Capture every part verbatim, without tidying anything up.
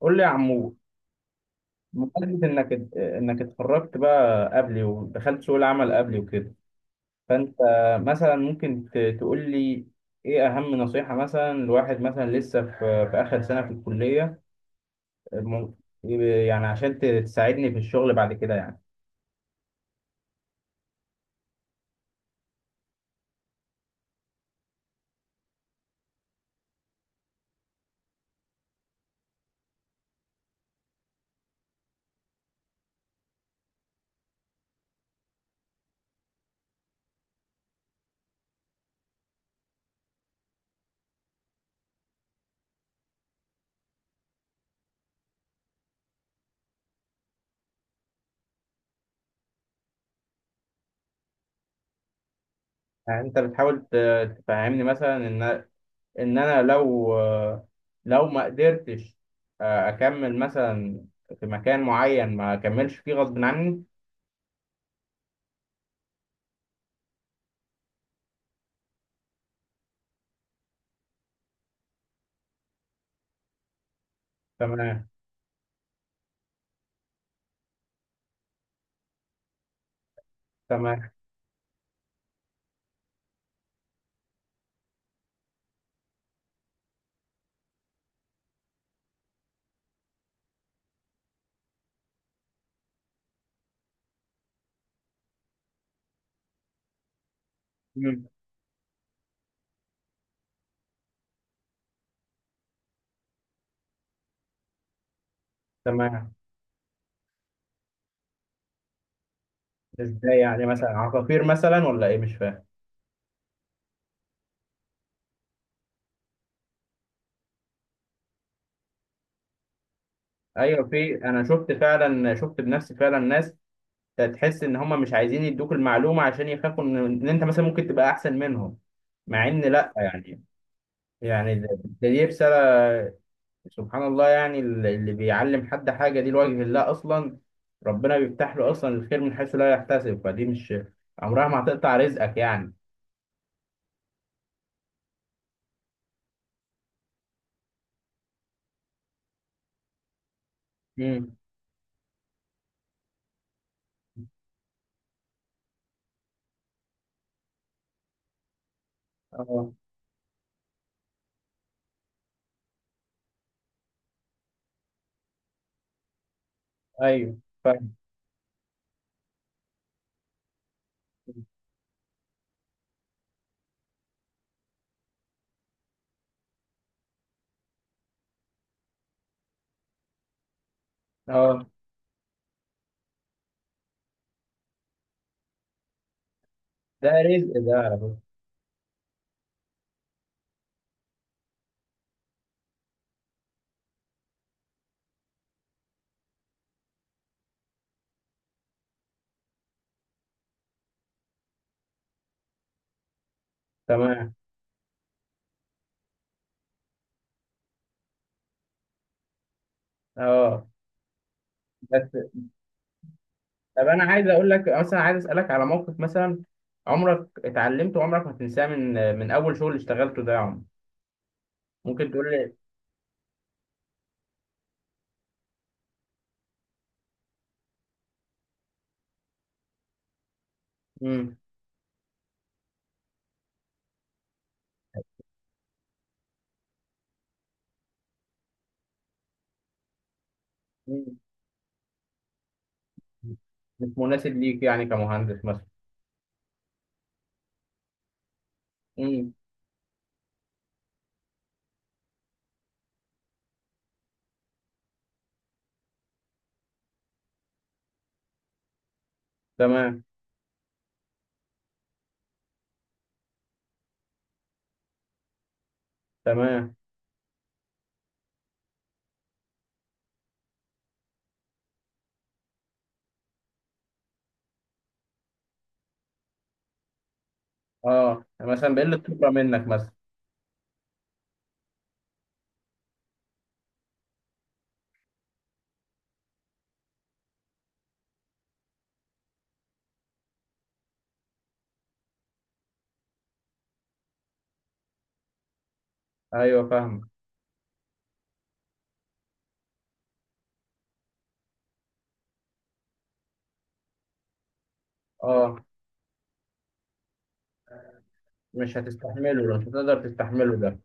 قول لي يا عمور. بمناسبة انك انك اتخرجت بقى قبلي ودخلت سوق العمل قبلي وكده، فانت مثلا ممكن ت- تقول لي ايه اهم نصيحة مثلا لواحد مثلا لسه في في اخر سنة في الكلية؟ مم- يعني عشان ت- تساعدني في الشغل بعد كده يعني. يعني انت بتحاول ت- تفهمني مثلا ان ان انا لو لو ما قدرتش، آه، اكمل مثلا في مكان معين ما اكملش فيه غصب عني. تمام. تمام. مم. تمام. ازاي يعني مثلا عقاقير مثلا ولا ايه؟ مش فاهم. ايوه في، انا شفت فعلا، شفت بنفسي فعلا ناس تحس ان هم مش عايزين يدوك المعلومه عشان يخافوا ان ان انت مثلا ممكن تبقى احسن منهم، مع ان لا يعني. يعني ده، ده دي رساله. سبحان الله، يعني اللي اللي بيعلم حد حاجه دي لوجه الله اصلا، ربنا بيفتح له اصلا الخير من حيث لا يحتسب، فدي مش عمرها ما هتقطع رزقك يعني. امم. اه. ايوه. فاهم. اه. ده رزق ده على فكرة. تمام. اه. بس. طب انا عايز اقول لك مثلا، عايز اسالك على موقف مثلا عمرك اتعلمته وعمرك ما هتنساه من من اول شغل اشتغلته ده يا عمر. ممكن تقول لي؟ امم. مش مناسب ليك يعني كمهندس مثلا. امم. تمام. تمام. اه، مثلا بقل الخبره منك مثلا. ايوه فاهمك. اه، مش هتستحمله، مش هتقدر تستحمله ده.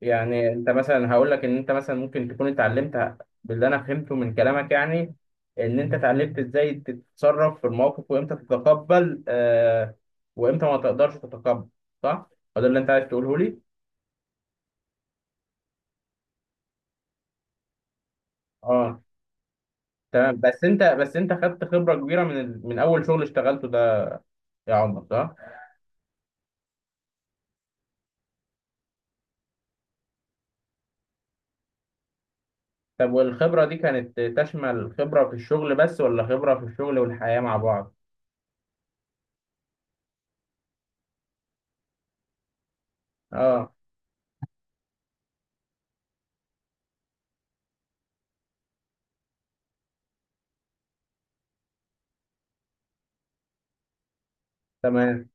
يعني انت مثلا هقول لك ان انت مثلا ممكن تكون اتعلمت، باللي انا فهمته من كلامك يعني، ان انت اتعلمت ازاي تتصرف في المواقف وامتى تتقبل آه، وامتى ما تقدرش تتقبل، صح؟ هو ده اللي انت عايز تقوله لي؟ اه. تمام بس انت، بس انت خدت خبرة كبيرة من ال... من اول شغل اشتغلته ده يا عمر، صح؟ طب والخبرة دي كانت تشمل خبرة في الشغل بس، ولا خبرة في الشغل والحياة مع بعض؟ اه. تمام.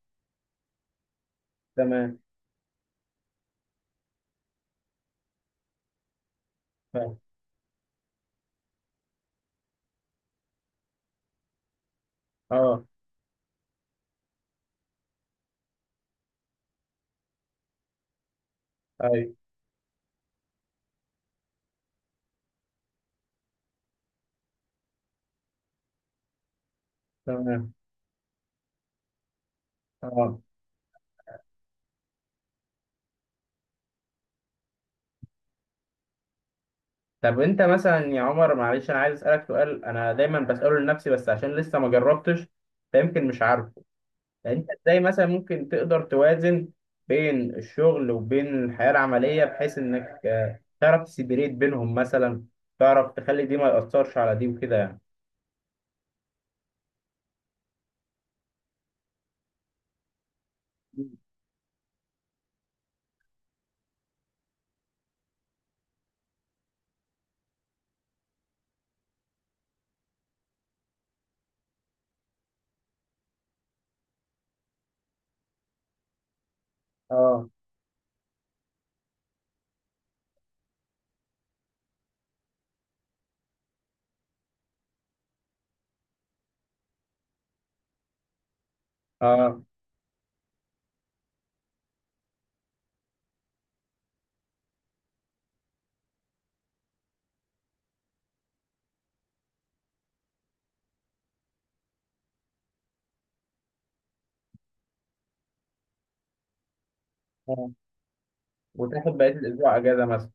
تمام. فاهم. اه. ايوه. تمام. اه. طب انت مثلا يا عمر معلش، انا عايز اسالك سؤال انا دايما بساله لنفسي بس عشان لسه ما جربتش، فيمكن مش عارفه. انت ازاي مثلا ممكن تقدر توازن بين الشغل وبين الحياه العمليه بحيث انك آه، تعرف تسيبريت بينهم مثلا، تعرف تخلي دي ما ياثرش على دي وكده يعني. اه. اه. اه. وتاخد بقيه الاسبوع اجازه مثلا.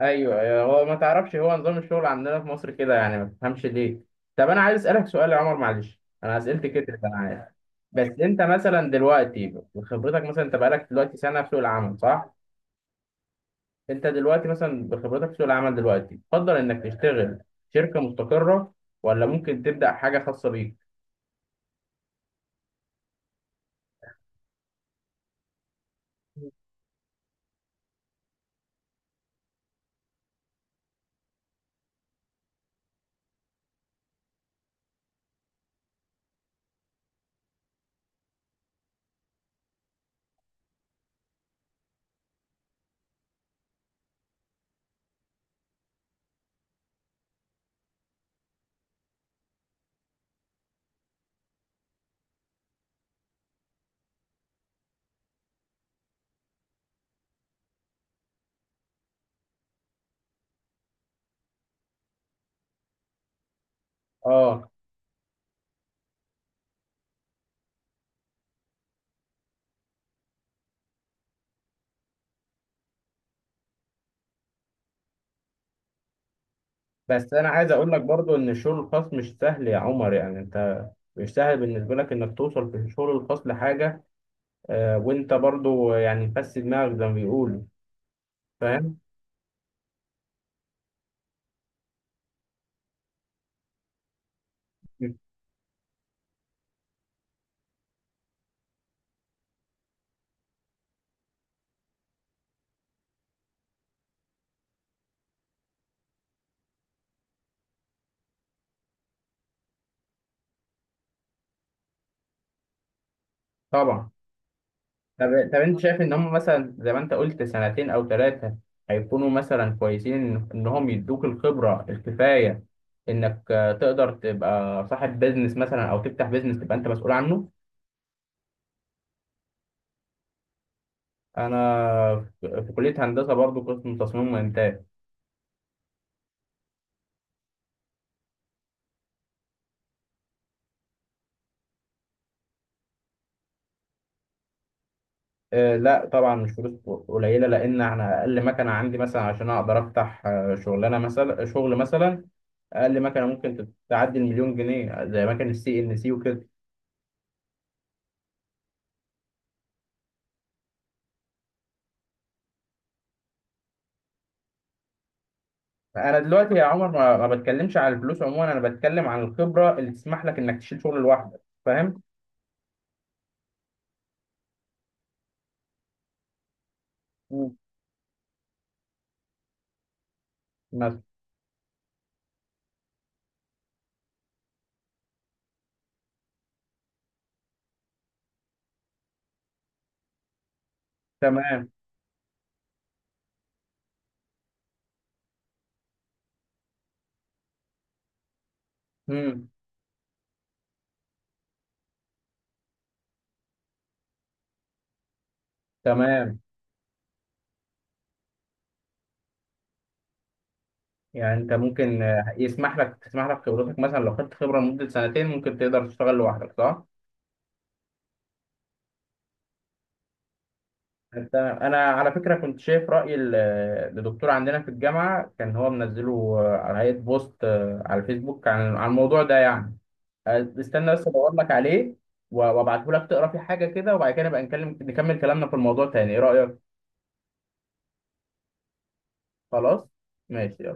ايوه، ايوه. هو ما تعرفش، هو نظام الشغل عندنا في مصر كده يعني، ما تفهمش ليه. طب انا عايز اسالك سؤال يا عمر معلش، انا اسئلتي كتير انا عارف. بس انت مثلا دلوقتي بخبرتك، مثلا انت بقالك دلوقتي سنه في سوق العمل، صح؟ انت دلوقتي مثلا بخبرتك في سوق العمل دلوقتي، تفضل انك تشتغل شركه مستقره ولا ممكن تبدا حاجه خاصه بيك؟ اه. بس انا عايز اقول لك برضو ان الشغل الخاص مش سهل يا عمر، يعني انت مش سهل بالنسبه لك انك توصل في الشغل الخاص لحاجه. آه، وانت برضو يعني فس دماغك زي ما بيقولوا. فاهم. طبعا. طب، طب انت شايف ان هم مثلا زي ما انت قلت سنتين او ثلاثه هيكونوا مثلا كويسين ان إن هم يدوك الخبره الكفايه؟ انك آه، تقدر تبقى صاحب بيزنس مثلا او تفتح بيزنس تبقى انت مسؤول عنه؟ انا في في كليه هندسه برضو، قسم تصميم وانتاج. آه، لا طبعا مش فلوس قليله، لان احنا اقل مكنه عندي مثلا عشان اقدر افتح آه، شغلانه مثلا، شغل مثلا، اقل مكنه ممكن تعدي المليون جنيه، زي مكنه السي ان سي وكده. انا دلوقتي يا عمر ما, ما بتكلمش على الفلوس عموما، انا بتكلم عن الخبره اللي تسمح لك انك تشيل شغل لوحدك، فاهم؟ مم. مثلا. تمام. امم. تمام. يعني انت ممكن آه، يسمح لك، تسمح لك خبرتك مثلا لو خدت خبره لمده سنتين ممكن تقدر تشتغل لوحدك، صح؟ انت، انا على فكره كنت شايف راي ال- لدكتور عندنا في الجامعه كان هو منزله آه، على هيئه بوست آه، على الفيسبوك عن عن الموضوع ده يعني. آه، استنى بس ادور لك عليه و- وابعته لك تقرا فيه حاجه كده، وبعد كده نبقى نكلم، نكمل كلامنا في الموضوع تاني. ايه رايك؟ خلاص ماشي.